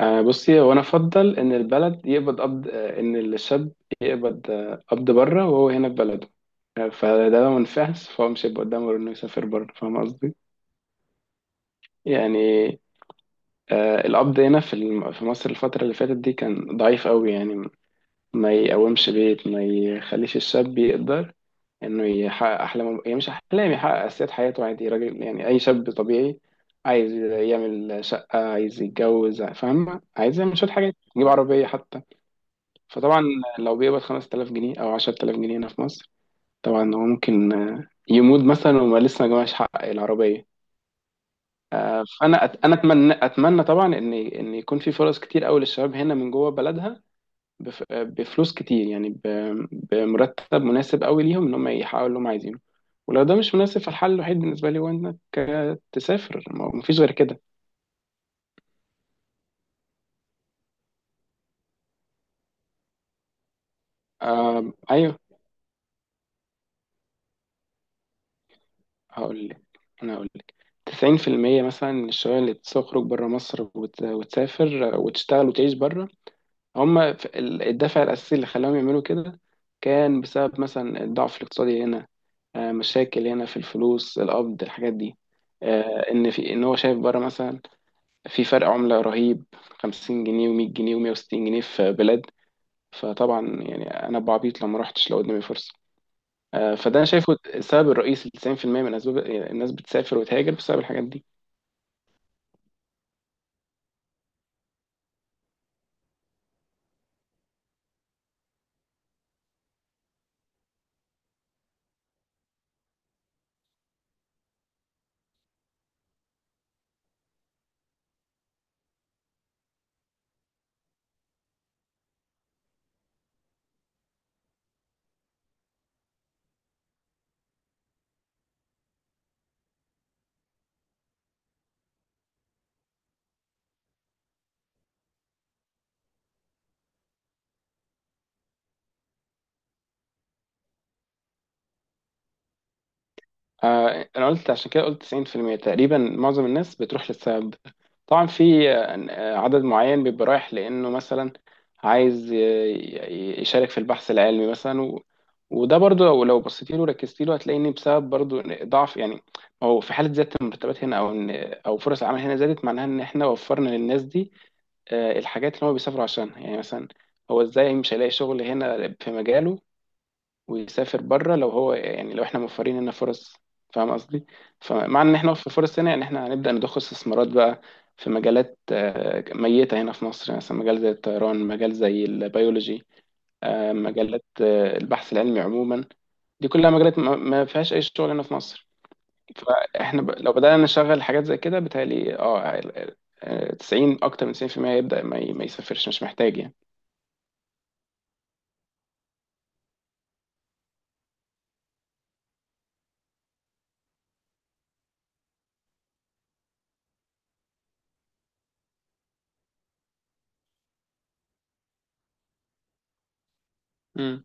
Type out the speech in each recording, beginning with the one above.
آه، بصي، هو انا افضل ان البلد يقبض قبض، ان الشاب يقبض، قبض بره وهو هنا في بلده. فده لو ما نفعش فهو مش هيبقى قدامه غير انه يسافر بره. فاهم قصدي؟ يعني، القبض هنا في في مصر الفترة اللي فاتت دي كان ضعيف قوي، يعني ما يقومش بيت، ما يخليش الشاب يقدر انه يحقق احلامه. يعني مش احلام، يحقق اساسيات حياته، عادي، راجل، يعني اي شاب طبيعي عايز يعمل شقة، عايز يتجوز، فاهم، عايز يعمل شوية حاجات، يجيب عربية حتى. فطبعا لو بيقبض 5000 جنيه او 10000 جنيه هنا في مصر، طبعا هو ممكن يموت مثلا وما لسه ما جمعش حق العربيه. فانا انا اتمنى طبعا ان يكون في فرص كتير قوي للشباب هنا من جوه بلدها، بفلوس كتير، يعني بمرتب مناسب قوي ليهم ان هم يحققوا اللي هم عايزينه. ولو ده مش مناسب فالحل الوحيد بالنسبه لي هو انك تسافر، ما فيش غير كده. آه، ايوه، هقول لك. انا هقول لك، 90% مثلا من الشباب اللي بتخرج بره مصر وتسافر وتشتغل وتعيش بره، هم الدافع الاساسي اللي خلاهم يعملوا كده كان بسبب مثلا الضعف الاقتصادي هنا. مشاكل هنا في الفلوس، القبض، الحاجات دي. ان في ان هو شايف بره مثلا في فرق عملة رهيب، 50 جنيه و100 جنيه و160 جنيه في بلاد. فطبعا يعني انا بعبيط لو ما رحتش لو قدامي فرصة. فده انا شايفه السبب الرئيسي، 90% من اسباب الناس بتسافر وتهاجر بسبب الحاجات دي. انا قلت عشان كده، قلت 90% تقريبا، معظم الناس بتروح للسبب ده. طبعا في عدد معين بيبقى رايح لانه مثلا عايز يشارك في البحث العلمي مثلا وده برضو، لو بصيتي له وركزت له هتلاقي ان بسبب برضو إن ضعف، يعني او في حاله زياده المرتبات هنا، او فرص العمل هنا زادت، معناها ان احنا وفرنا للناس دي الحاجات اللي هو بيسافر عشانها. يعني مثلا هو ازاي مش هيلاقي شغل هنا في مجاله ويسافر بره؟ لو هو يعني لو احنا موفرين لنا فرص، فاهم قصدي؟ فمع ان احنا في فرص هنا، يعني احنا هنبدأ نضخ استثمارات بقى في مجالات ميتة هنا في مصر، يعني مثلا مجال زي الطيران، مجال زي البيولوجي، مجالات البحث العلمي عموما. دي كلها مجالات ما فيهاش اي شغل هنا في مصر. فاحنا لو بدأنا نشغل حاجات زي كده بتهيألي 90، اكتر من 90% يبدأ ما يسافرش، مش محتاج يعني. امم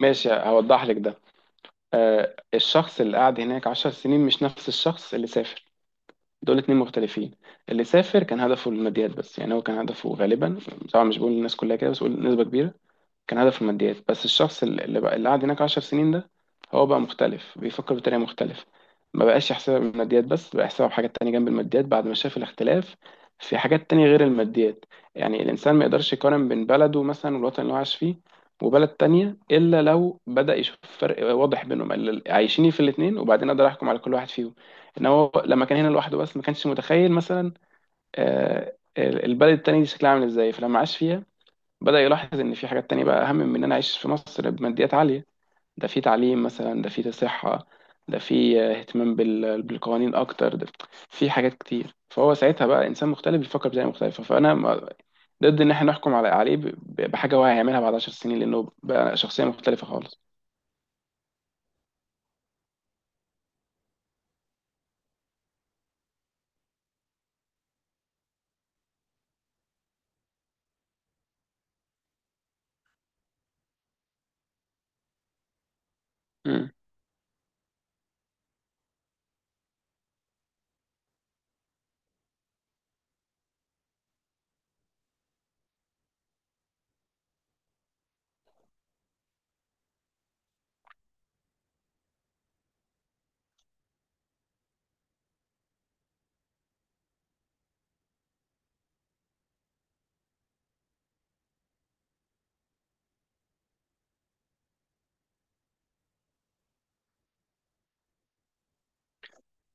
ماشي، هوضح لك ده. آه، الشخص اللي قعد هناك 10 سنين مش نفس الشخص اللي سافر. دول اتنين مختلفين. اللي سافر كان هدفه الماديات بس، يعني هو كان هدفه غالبا، طبعا مش بقول الناس كلها كده، بس بقول نسبة كبيرة، كان هدفه الماديات بس. الشخص اللي بقى اللي قعد هناك 10 سنين ده هو بقى مختلف، بيفكر بطريقة مختلفة، ما بقاش يحسبها بالماديات بس، بقى يحسبها بحاجات تانية جنب الماديات بعد ما شاف الاختلاف في حاجات تانية غير الماديات. يعني الإنسان ما يقدرش يقارن بين بلده مثلا والوطن اللي هو عايش فيه وبلد تانية إلا لو بدأ يشوف فرق واضح بينهم، عايشين في الاتنين وبعدين أقدر أحكم على كل واحد فيهم. إن هو لما كان هنا لوحده بس ما كانش متخيل مثلا البلد التانية دي شكلها عامل إزاي، فلما عاش فيها بدأ يلاحظ إن في حاجات تانية بقى أهم من إن أنا أعيش في مصر بماديات عالية. ده في تعليم مثلا، ده في صحة، ده في اهتمام بالقوانين أكتر، ده في حاجات كتير. فهو ساعتها بقى إنسان مختلف بيفكر بطريقة مختلفة، فأنا ضد إن إحنا نحكم على عليه بحاجة هو هيعملها بعد 10 سنين، لأنه بقى شخصية مختلفة خالص. مم.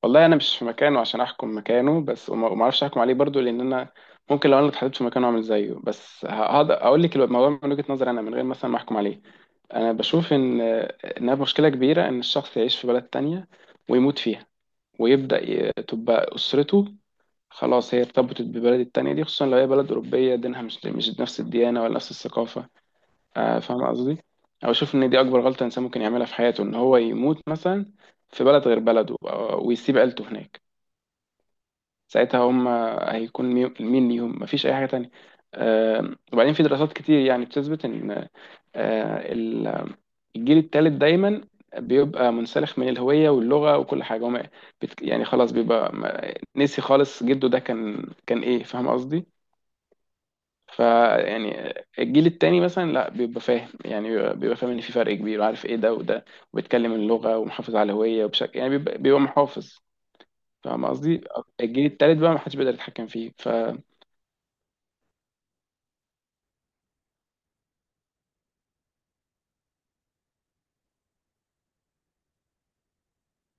والله أنا مش في مكانه عشان أحكم مكانه، بس وما أعرفش أحكم عليه برضو، لأن أنا ممكن لو أنا اتحطيت في مكانه أعمل زيه. بس هقدر أقول لك الموضوع من وجهة نظري أنا من غير مثلا ما أحكم عليه. أنا بشوف إنها مشكلة كبيرة، إن الشخص يعيش في بلد تانية ويموت فيها، ويبدأ تبقى أسرته خلاص هي ارتبطت ببلد التانية دي، خصوصا لو هي بلد أوروبية دينها مش نفس الديانة ولا نفس الثقافة. فاهم قصدي؟ أو أشوف إن دي أكبر غلطة إنسان ممكن يعملها في حياته، إن هو يموت مثلا في بلد غير بلده ويسيب عيلته هناك. ساعتها هم هيكون مين ليهم؟ مفيش اي حاجه تانية. وبعدين في دراسات كتير يعني بتثبت ان آه، ال- الجيل الثالث دايما بيبقى منسلخ من الهويه واللغه وكل حاجه. هم يعني خلاص بيبقى نسي خالص، جده ده كان ايه. فاهم قصدي؟ فيعني الجيل التاني مثلا لا، بيبقى فاهم، يعني بيبقى فاهم ان في فرق كبير وعارف ايه ده وده، وبيتكلم اللغه ومحافظ على الهويه، وبشكل يعني بيبقى محافظ. فاهم قصدي؟ الجيل التالت بقى ما حدش بيقدر يتحكم فيه، ف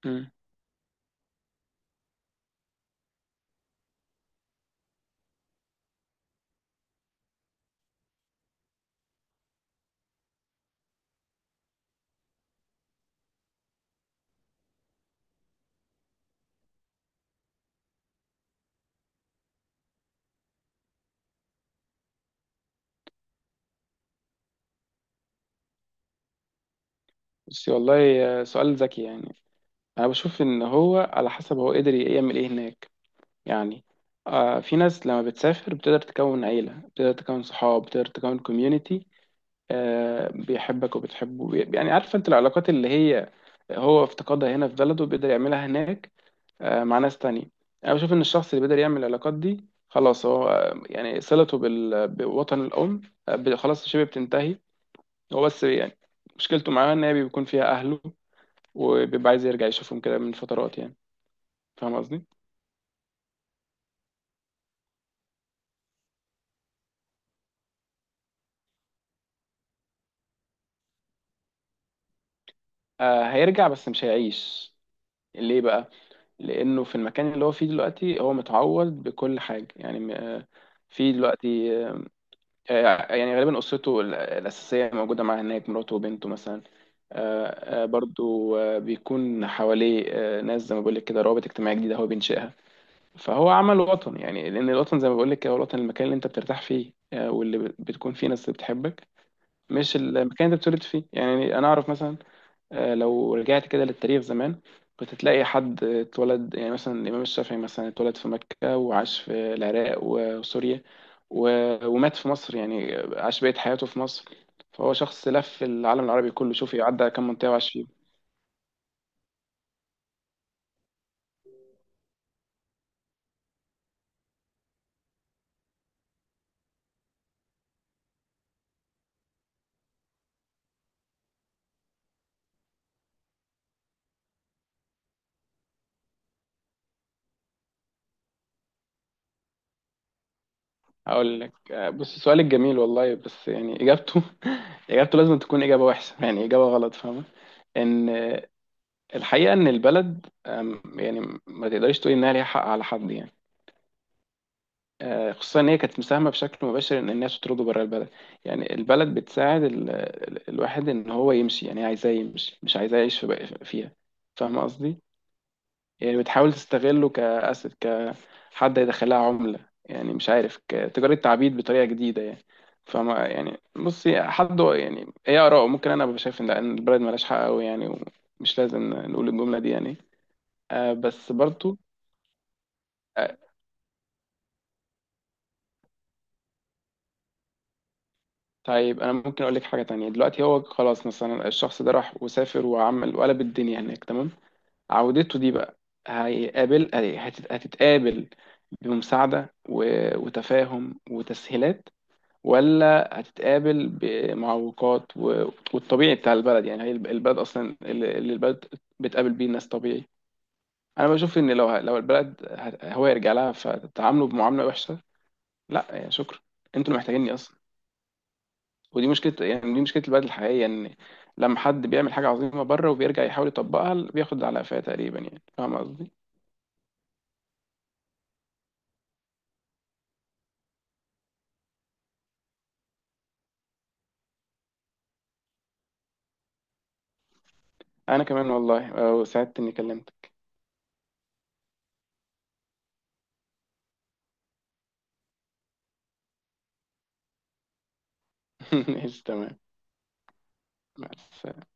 مم. بس والله سؤال ذكي يعني. انا بشوف ان هو على حسب هو قدر يعمل ايه هناك. يعني في ناس لما بتسافر بتقدر تكون عيلة، بتقدر تكون صحاب، بتقدر تكون كوميونيتي، بيحبك وبتحبه، يعني عارف انت العلاقات اللي هي هو افتقدها هنا في بلده بيقدر يعملها هناك مع ناس تانية. انا بشوف ان الشخص اللي بيقدر يعمل العلاقات دي خلاص هو، يعني صلته بوطن الام خلاص شبه بتنتهي. هو بس يعني مشكلته معاه ان هي بيكون فيها اهله، وبيبقى عايز يرجع يشوفهم كده من فترات، يعني فاهم قصدي. هيرجع بس مش هيعيش. ليه بقى؟ لانه في المكان اللي هو فيه دلوقتي هو متعود بكل حاجه، يعني في دلوقتي، يعني غالبا اسرته الاساسيه موجوده معاه هناك، مراته وبنته مثلا، برضو بيكون حواليه ناس، زي ما بقول لك كده، روابط اجتماعيه جديده هو بينشئها. فهو عمل وطن، يعني لان الوطن زي ما بقول لك كده، هو الوطن المكان اللي انت بترتاح فيه، واللي بتكون فيه ناس بتحبك، مش المكان اللي انت بتولد فيه. يعني انا اعرف مثلا، لو رجعت كده للتاريخ زمان كنت تلاقي حد اتولد، يعني مثلا الامام الشافعي مثلا اتولد في مكة وعاش في العراق وسوريا ومات في مصر، يعني عاش بقية حياته في مصر. فهو شخص لف العالم العربي كله، شوف عدى كم منطقة وعاش. هقول لك، بص سؤالك جميل والله، بس يعني اجابته اجابته لازم تكون اجابه وحشه، يعني اجابه غلط، فاهمه؟ ان الحقيقه ان البلد يعني ما تقدريش تقولي انها ليها حق على حد، يعني خصوصا ان هي كانت مساهمه بشكل مباشر ان الناس تطرده بره البلد. يعني البلد بتساعد الواحد ان هو يمشي، يعني هي عايزاه يمشي مش عايزاه يعيش في فيها، فاهمه قصدي؟ يعني بتحاول تستغله كأسد، كحد يدخلها عملة، يعني مش عارف، كتجارة تعبيد بطريقة جديدة يعني. فما يعني بصي، حد يعني ايه آراءه، ممكن أنا أبقى شايف إن البلد ملهاش حق أوي، يعني ومش لازم نقول الجملة دي يعني. بس برضو. آه طيب، أنا ممكن أقول لك حاجة تانية. دلوقتي هو خلاص مثلا الشخص ده راح وسافر وعمل وقلب الدنيا هناك، تمام. عودته دي بقى هيقابل هتتقابل بمساعدة وتفاهم وتسهيلات، ولا هتتقابل بمعوقات والطبيعي بتاع البلد؟ يعني هي البلد اصلا اللي البلد بتقابل بيه الناس طبيعي. انا بشوف ان لو لو البلد هو يرجع لها فتتعاملوا بمعامله وحشه، لا يعني شكرا، انتوا اللي محتاجيني اصلا. ودي مشكله، يعني دي مشكله البلد الحقيقيه، ان لما حد بيعمل حاجه عظيمه بره وبيرجع يحاول يطبقها بياخد على قفاه تقريبا، يعني فاهم قصدي. انا كمان والله، وسعدت اني كلمتك. ماشي تمام. مع السلامة.